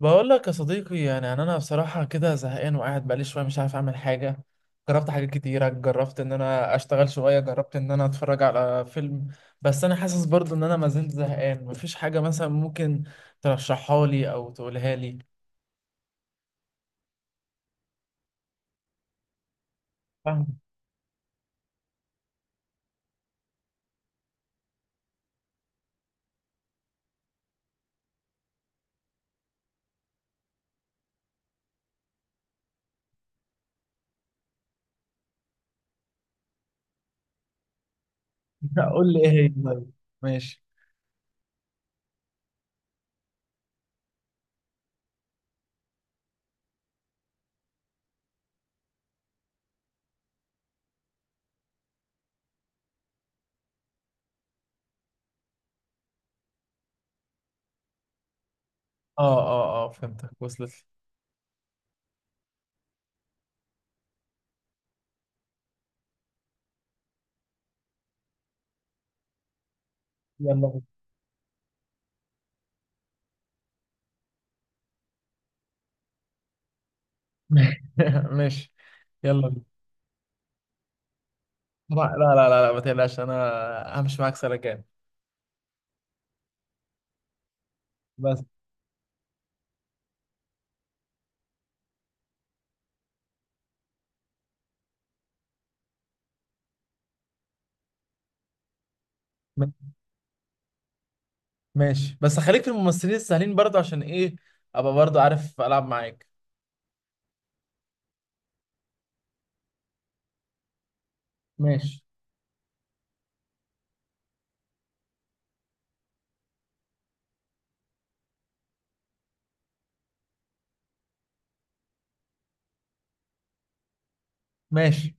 بقول لك يا صديقي يعني انا بصراحه كده زهقان، وقاعد بقالي شويه مش عارف اعمل حاجه. جربت حاجات كتيره، جربت ان انا اشتغل شويه، جربت ان انا اتفرج على فيلم، بس انا حاسس برضو ان انا ما زلت زهقان. مفيش حاجه مثلا ممكن ترشحها لي او تقولها لي؟ فاهم. قول لي ايه هي طيب. ماشي. اه، اه، اه، فهمتك وصلت لي. يلا بينا. لي. ماشي. يلا بينا. لا، لا، لا، لا، لا، ما تقلقش انا همشي معاك سلكان. بس. ماشي، بس خليك في الممثلين السهلين برضو، عشان ايه ابقى برضو عارف العب معاك. ماشي. ماشي.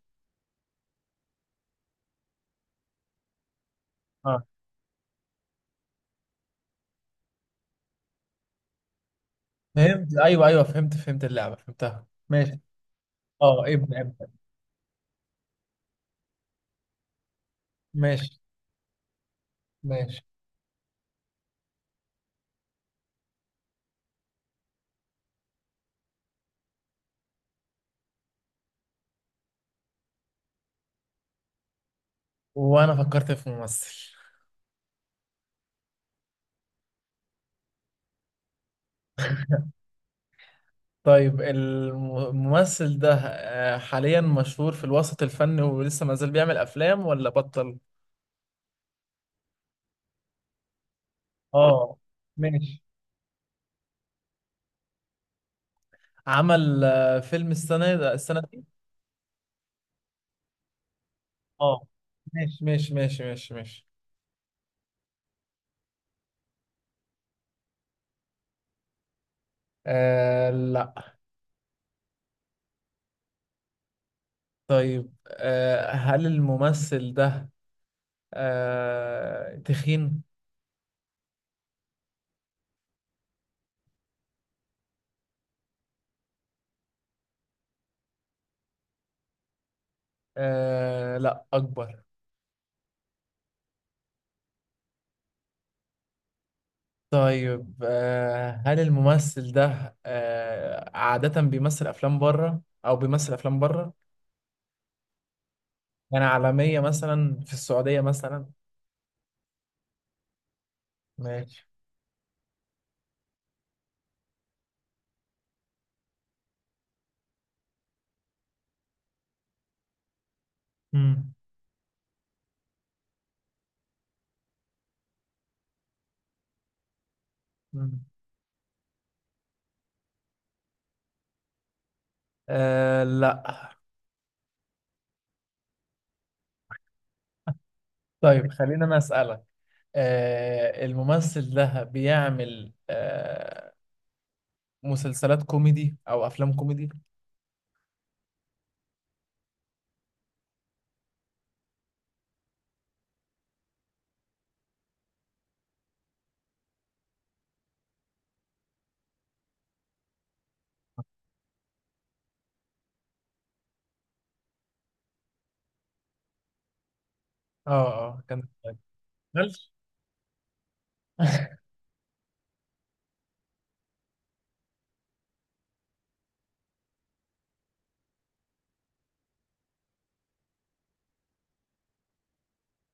اه فهمت، ايوه، ايوه، فهمت فهمت اللعبه، فهمتها. ماشي. اه ابدا ابدا. ماشي. ماشي. وانا فكرت في ممثل. طيب الممثل ده حاليا مشهور في الوسط الفني، ولسه ما زال بيعمل افلام ولا بطل؟ اه. ماشي. عمل فيلم السنه دي؟ اه. ماشي، ماشي، ماشي، ماشي، ماشي. آه، لا. طيب هل الممثل ده تخين؟ لا، أكبر. طيب هل الممثل ده عادة بيمثل أفلام بره أو بيمثل أفلام بره؟ يعني عالمية، مثلا في السعودية مثلا. ماشي. مم. مم. لا. طيب خلينا أنا أسألك. الممثل ده بيعمل مسلسلات كوميدي أو أفلام كوميدي؟ اه، اه، كان. مالش.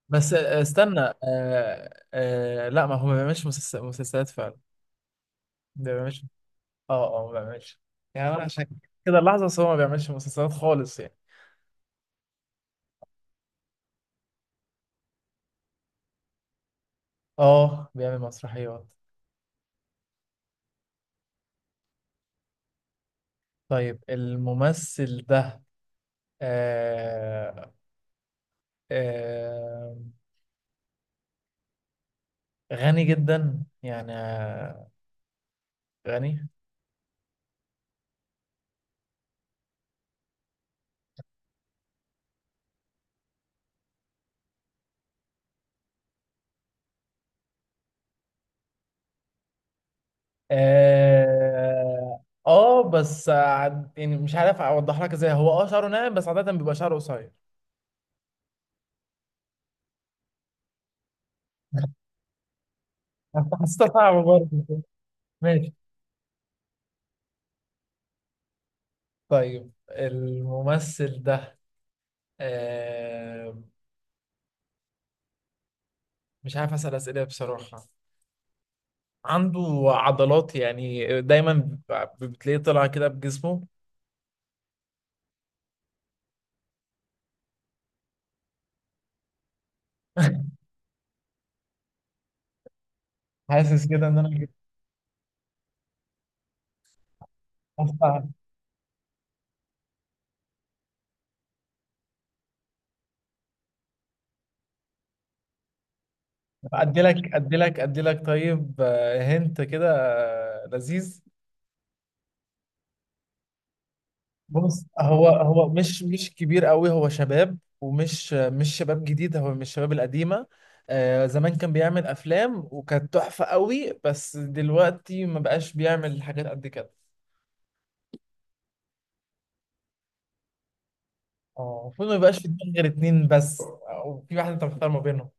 بس استنى، لا، ما هو ما بيعملش مسلسلات فعلا. ما بيعملش. اه، اه، ما بيعملش. يعني انا عشان كده اللحظة. بس هو ما بيعملش مسلسلات خالص يعني. اه، بيعمل مسرحيات. طيب الممثل ده آه آه غني جدا يعني، غني؟ اه، بس يعني مش عارف اوضح لك ازاي، هو شعره ناعم بس عادة بيبقى شعره قصير. حسيتها صعبة برضه. ماشي. طيب الممثل ده آه مش عارف أسأل أسئلة بصراحة. عنده عضلات، يعني دايما بتلاقيه طلع كده بجسمه. حاسس كده ان انا أصلاً- ادي لك ادي لك ادي لك. طيب هنت كده، لذيذ. بص، هو مش كبير قوي، هو شباب، ومش مش شباب جديد، هو من الشباب القديمه. آه، زمان كان بيعمل افلام وكانت تحفه قوي، بس دلوقتي ما بقاش بيعمل حاجات قد كده. اه، المفروض ما يبقاش في دماغ غير اتنين بس، او في واحد انت مختار ما بينهم.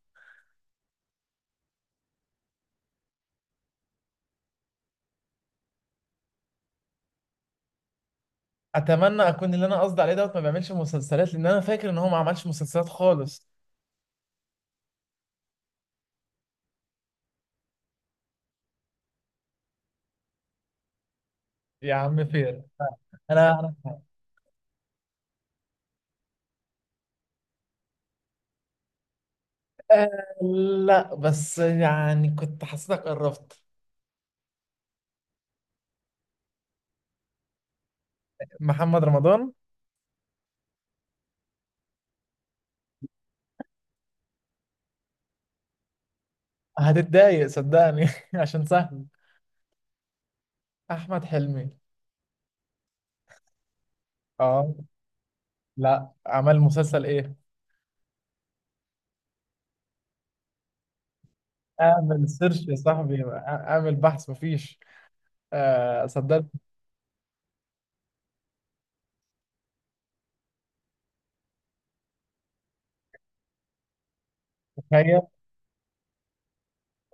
اتمنى اكون اللي انا قصدي عليه دوت ما بيعملش مسلسلات، لان انا فاكر ان هو ما عملش مسلسلات خالص. يا عم فين. انا أنا- آه، لا، بس يعني كنت حسيتك قربت. محمد رمضان. هتتضايق صدقني، عشان سهل. احمد حلمي. اه. لا، عمل مسلسل ايه؟ اعمل سيرش يا صاحبي، اعمل بحث، مفيش. آه، صدقني. تخيل.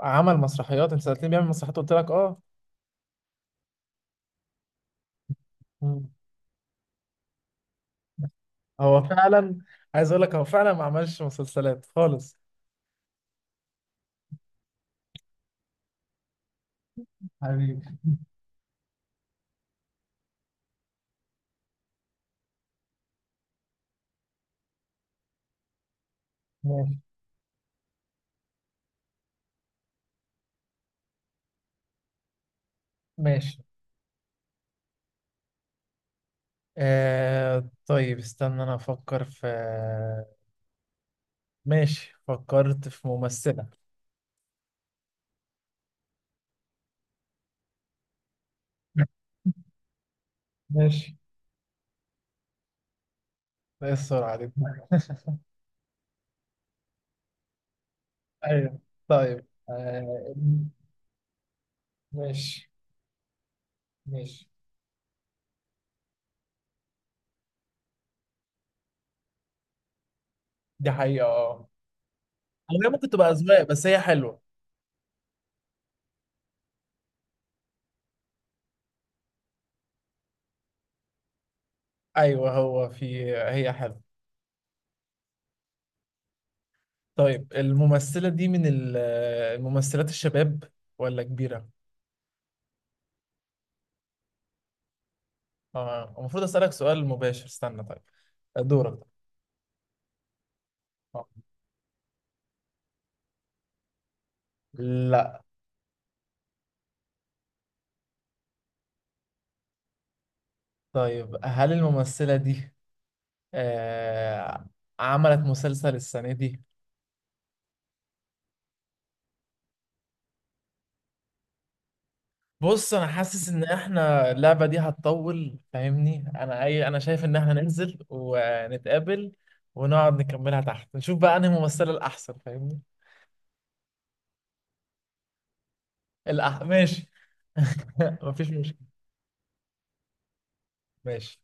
عمل مسرحيات، انت سألتني بيعمل مسرحيات قلت لك اه. مم. هو فعلا، عايز اقول لك هو فعلا ما عملش مسلسلات خالص. حبيبي. ماشي. ماشي. آه طيب، استنى انا افكر في. ماشي، فكرت في ممثلة. ماشي. ايه السرعة دي؟ ايوه. طيب ماشي. ماشي. دي حقيقة اه. أو هي ممكن تبقى أذواق، بس هي حلوة. أيوه، هو في، هي حلوة. طيب الممثلة دي من الممثلات الشباب ولا كبيرة؟ اه المفروض أسألك سؤال مباشر، استنى. طيب. دورك. آه. لا. طيب هل الممثلة دي آه عملت مسلسل السنة دي؟ بص انا حاسس ان احنا اللعبه دي هتطول فاهمني. انا شايف ان احنا ننزل ونتقابل ونقعد نكملها تحت، نشوف بقى انهي ممثله الاحسن فاهمني. ماشي. مفيش مشكله. ماشي.